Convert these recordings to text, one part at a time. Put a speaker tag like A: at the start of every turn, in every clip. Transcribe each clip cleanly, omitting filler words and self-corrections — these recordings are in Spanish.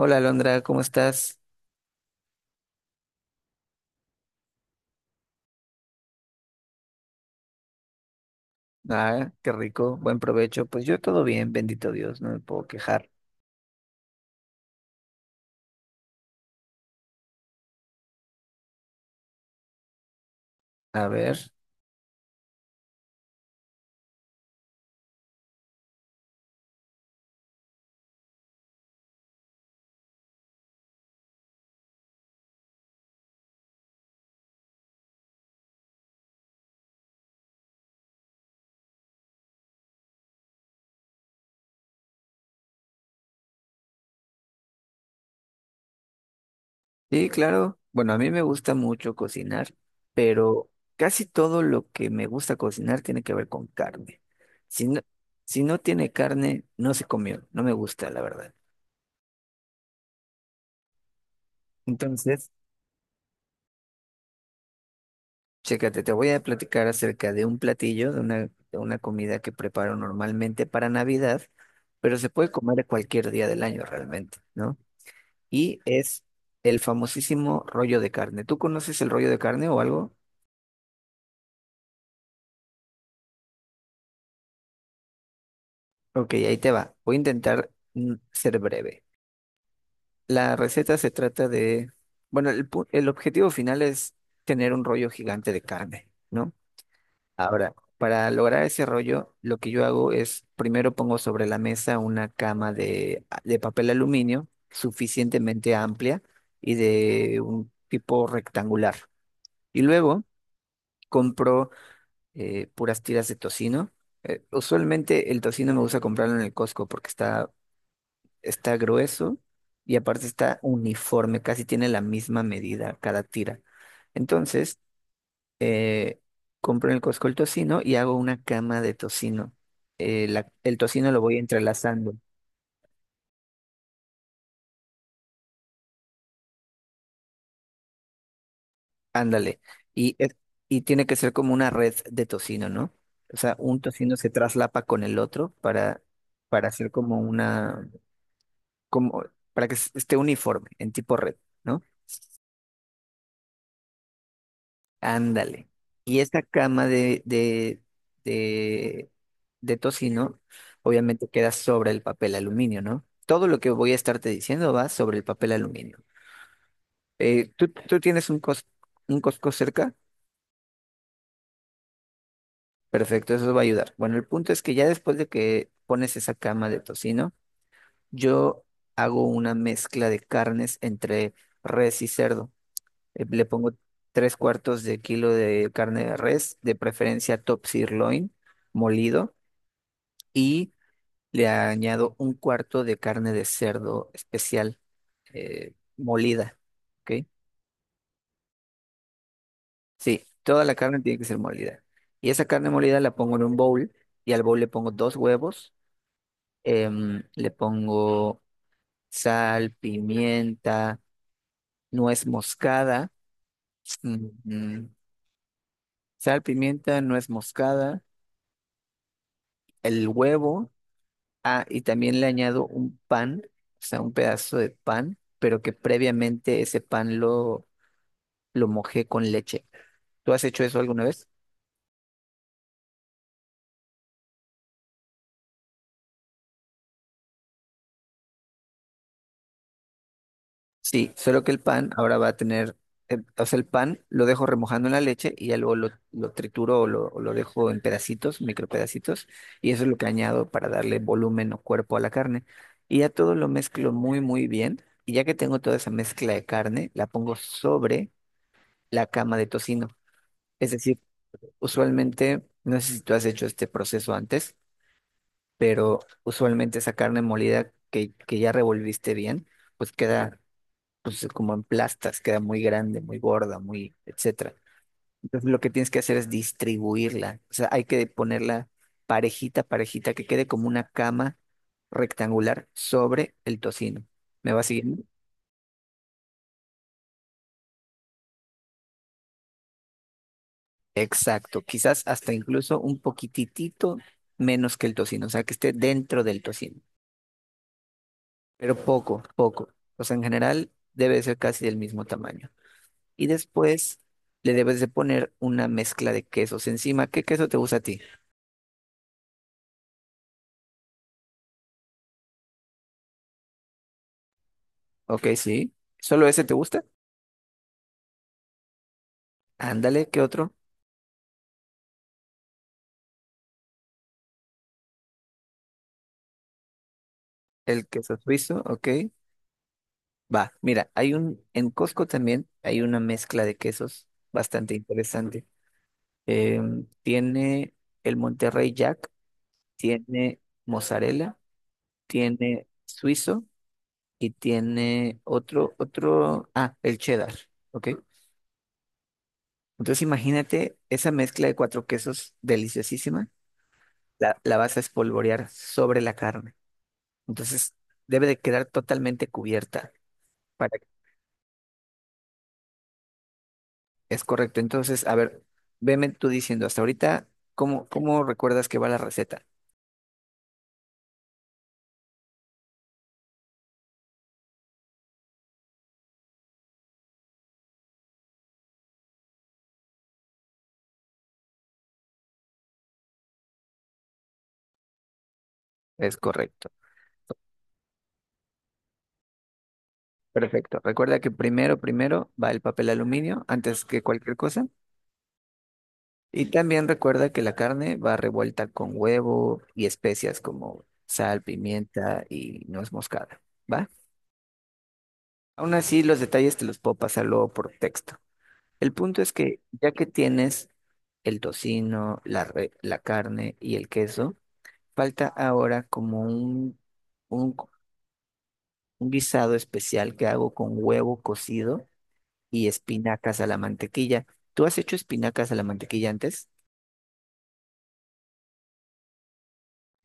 A: Hola, Alondra, ¿cómo estás? Ah, qué rico, buen provecho. Pues yo todo bien, bendito Dios, no me puedo quejar. A ver, sí, claro. Bueno, a mí me gusta mucho cocinar, pero casi todo lo que me gusta cocinar tiene que ver con carne. Si no, si no, tiene carne, no se comió, no me gusta, la verdad. Entonces, chécate, te voy a platicar acerca de un platillo, de una comida que preparo normalmente para Navidad, pero se puede comer cualquier día del año realmente, ¿no? Y es el famosísimo rollo de carne. ¿Tú conoces el rollo de carne o algo? Ok, ahí te va. Voy a intentar ser breve. La receta se trata de, bueno, el objetivo final es tener un rollo gigante de carne, ¿no? Ahora, para lograr ese rollo, lo que yo hago es, primero pongo sobre la mesa una cama de papel aluminio suficientemente amplia y de un tipo rectangular. Y luego compro puras tiras de tocino. Usualmente el tocino me gusta comprarlo en el Costco porque está grueso y aparte está uniforme, casi tiene la misma medida cada tira. Entonces, eh, compro en el Costco el tocino y hago una cama de tocino. El tocino lo voy entrelazando, ándale. Y, es- y tiene que ser como una red de tocino, ¿no? O sea, un tocino se traslapa con el otro para hacer como para que esté uniforme, en tipo red, ¿no? Ándale. Y esta cama de, de tocino, obviamente queda sobre el papel aluminio, ¿no? Todo lo que voy a estarte diciendo va sobre el papel aluminio. ¿Tú tienes un Costco cerca? Perfecto, eso va a ayudar. Bueno, el punto es que ya después de que pones esa cama de tocino, yo hago una mezcla de carnes entre res y cerdo. Le pongo tres cuartos de kilo de carne de res, de preferencia top sirloin molido, y le añado un cuarto de carne de cerdo especial molida. ¿Ok? Sí, toda la carne tiene que ser molida. Y esa carne molida la pongo en un bowl y al bowl le pongo dos huevos, le pongo sal, pimienta, nuez moscada, mm, mm, sal, pimienta, nuez moscada, el huevo. Ah, y también le añado un pan, o sea, un pedazo de pan, pero que previamente ese pan lo mojé con leche. ¿Tú has hecho eso alguna vez? Sí, solo que el pan ahora va a tener, o sea, el pan lo dejo remojando en la leche y ya luego lo trituro o lo dejo en pedacitos, micropedacitos, y eso es lo que añado para darle volumen o cuerpo a la carne. Y ya todo lo mezclo muy, muy bien, y ya que tengo toda esa mezcla de carne, la pongo sobre la cama de tocino. Es decir, usualmente, no sé si tú has hecho este proceso antes, pero usualmente esa carne molida que ya revolviste bien, pues queda pues, como en plastas, queda muy grande, muy gorda, muy, etcétera. Entonces lo que tienes que hacer es distribuirla. O sea, hay que ponerla parejita, parejita, que quede como una cama rectangular sobre el tocino. ¿Me va siguiendo? Exacto. Quizás hasta incluso un poquititito menos que el tocino, o sea, que esté dentro del tocino. Pero poco, poco. O sea, en general debe ser casi del mismo tamaño. Y después le debes de poner una mezcla de quesos encima. ¿Qué queso te gusta a ti? Ok, sí. ¿Solo ese te gusta? Ándale, ¿qué otro? El queso suizo, ok. Va, mira, en Costco también hay una mezcla de quesos bastante interesante. Tiene el Monterrey Jack, tiene mozzarella, tiene suizo. Y tiene otro, el cheddar, ¿ok? Entonces imagínate esa mezcla de cuatro quesos deliciosísima, la vas a espolvorear sobre la carne. Entonces debe de quedar totalmente cubierta para que- Es correcto. Entonces, a ver, veme tú diciendo hasta ahorita, ¿cómo recuerdas que va la receta? Es correcto. Perfecto. Recuerda que primero va el papel aluminio antes que cualquier cosa. Y también recuerda que la carne va revuelta con huevo y especias como sal, pimienta y nuez moscada. ¿Va? Aún así, los detalles te los puedo pasar luego por texto. El punto es que ya que tienes el tocino, la carne y el queso, falta ahora como un un guisado especial que hago con huevo cocido y espinacas a la mantequilla. ¿Tú has hecho espinacas a la mantequilla antes?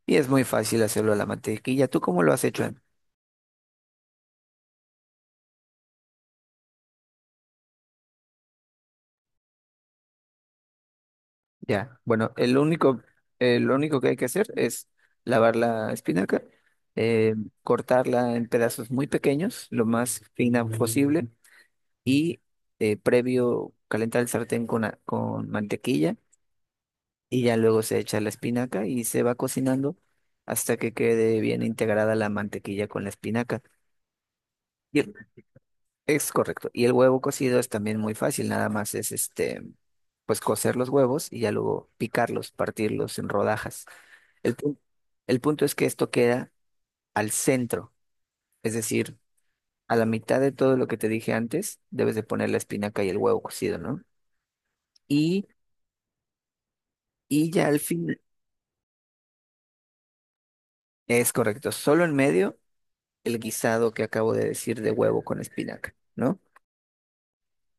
A: Y es muy fácil hacerlo a la mantequilla. ¿Tú cómo lo has hecho? Ya, bueno, lo único que hay que hacer es lavar la espinaca, eh, cortarla en pedazos muy pequeños, lo más fina posible, y previo calentar el sartén con mantequilla, y ya luego se echa la espinaca y se va cocinando hasta que quede bien integrada la mantequilla con la espinaca. Es correcto. Y el huevo cocido es también muy fácil, nada más es este, pues cocer los huevos y ya luego picarlos, partirlos en rodajas. El punto, el punto es que esto queda al centro, es decir, a la mitad de todo lo que te dije antes, debes de poner la espinaca y el huevo cocido, ¿no? Y, y ya al fin, es correcto, solo en medio el guisado que acabo de decir de huevo con espinaca, ¿no?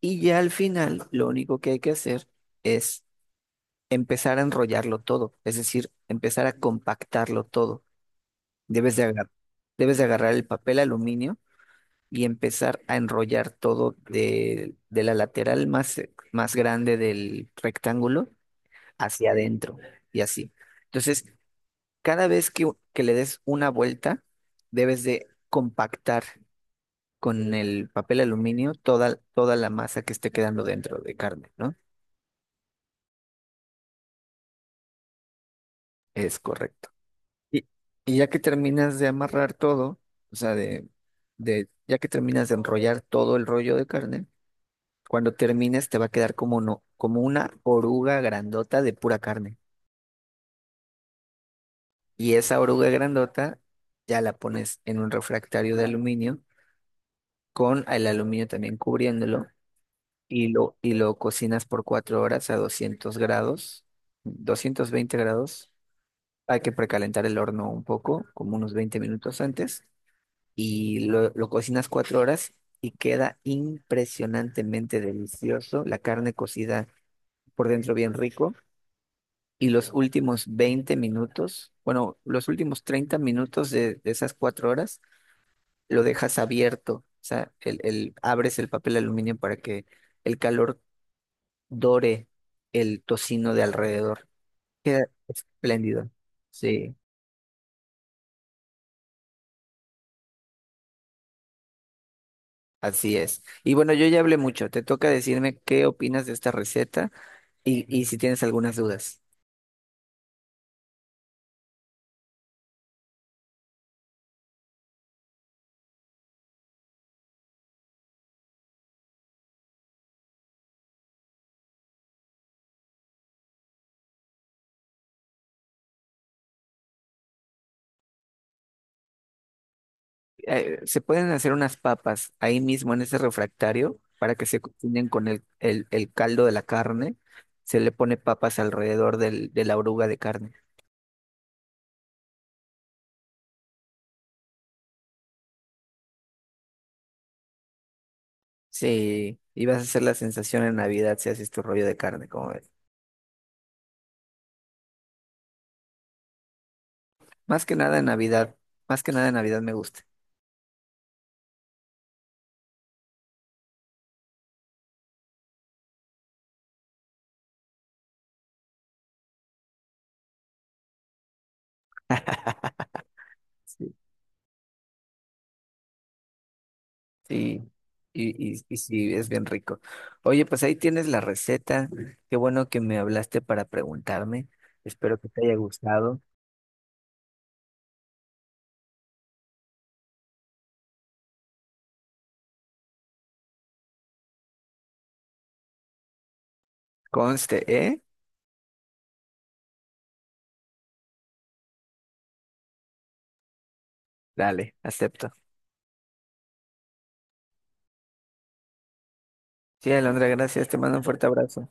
A: Y ya al final, lo único que hay que hacer es empezar a enrollarlo todo, es decir, empezar a compactarlo todo. Debes de agarrar, debes de agarrar el papel aluminio y empezar a enrollar todo de la lateral más, más grande del rectángulo hacia adentro y así. Entonces, cada vez que le des una vuelta, debes de compactar con el papel aluminio toda, toda la masa que esté quedando dentro de carne, ¿no? Es correcto. Y, y ya que terminas de amarrar todo, o sea, ya que terminas de enrollar todo el rollo de carne, cuando termines te va a quedar como no, como una oruga grandota de pura carne. Y esa oruga grandota ya la pones en un refractario de aluminio con el aluminio también cubriéndolo y lo cocinas por 4 horas a 200 grados, 220 grados. Hay que precalentar el horno un poco, como unos 20 minutos antes y lo cocinas 4 horas y queda impresionantemente delicioso. La carne cocida por dentro bien rico. Y los últimos 20 minutos, bueno, los últimos 30 minutos de esas 4 horas, lo dejas abierto. O sea, abres el papel aluminio para que el calor dore el tocino de alrededor. Queda espléndido. Sí, así es. Y bueno, yo ya hablé mucho. Te toca decirme qué opinas de esta receta. Y si tienes algunas dudas, se pueden hacer unas papas ahí mismo en ese refractario para que se cocinen con el caldo de la carne. Se le pone papas alrededor de la oruga de carne. Sí, y vas a hacer la sensación en Navidad si haces tu rollo de carne, como ves. Más que nada en Navidad, más que nada en Navidad me gusta. Sí, sí, y sí, es bien rico. Oye, pues ahí tienes la receta. Qué bueno que me hablaste para preguntarme. Espero que te haya gustado. Conste, ¿eh? Dale, acepto. Sí, Alondra, gracias. Te mando un fuerte abrazo.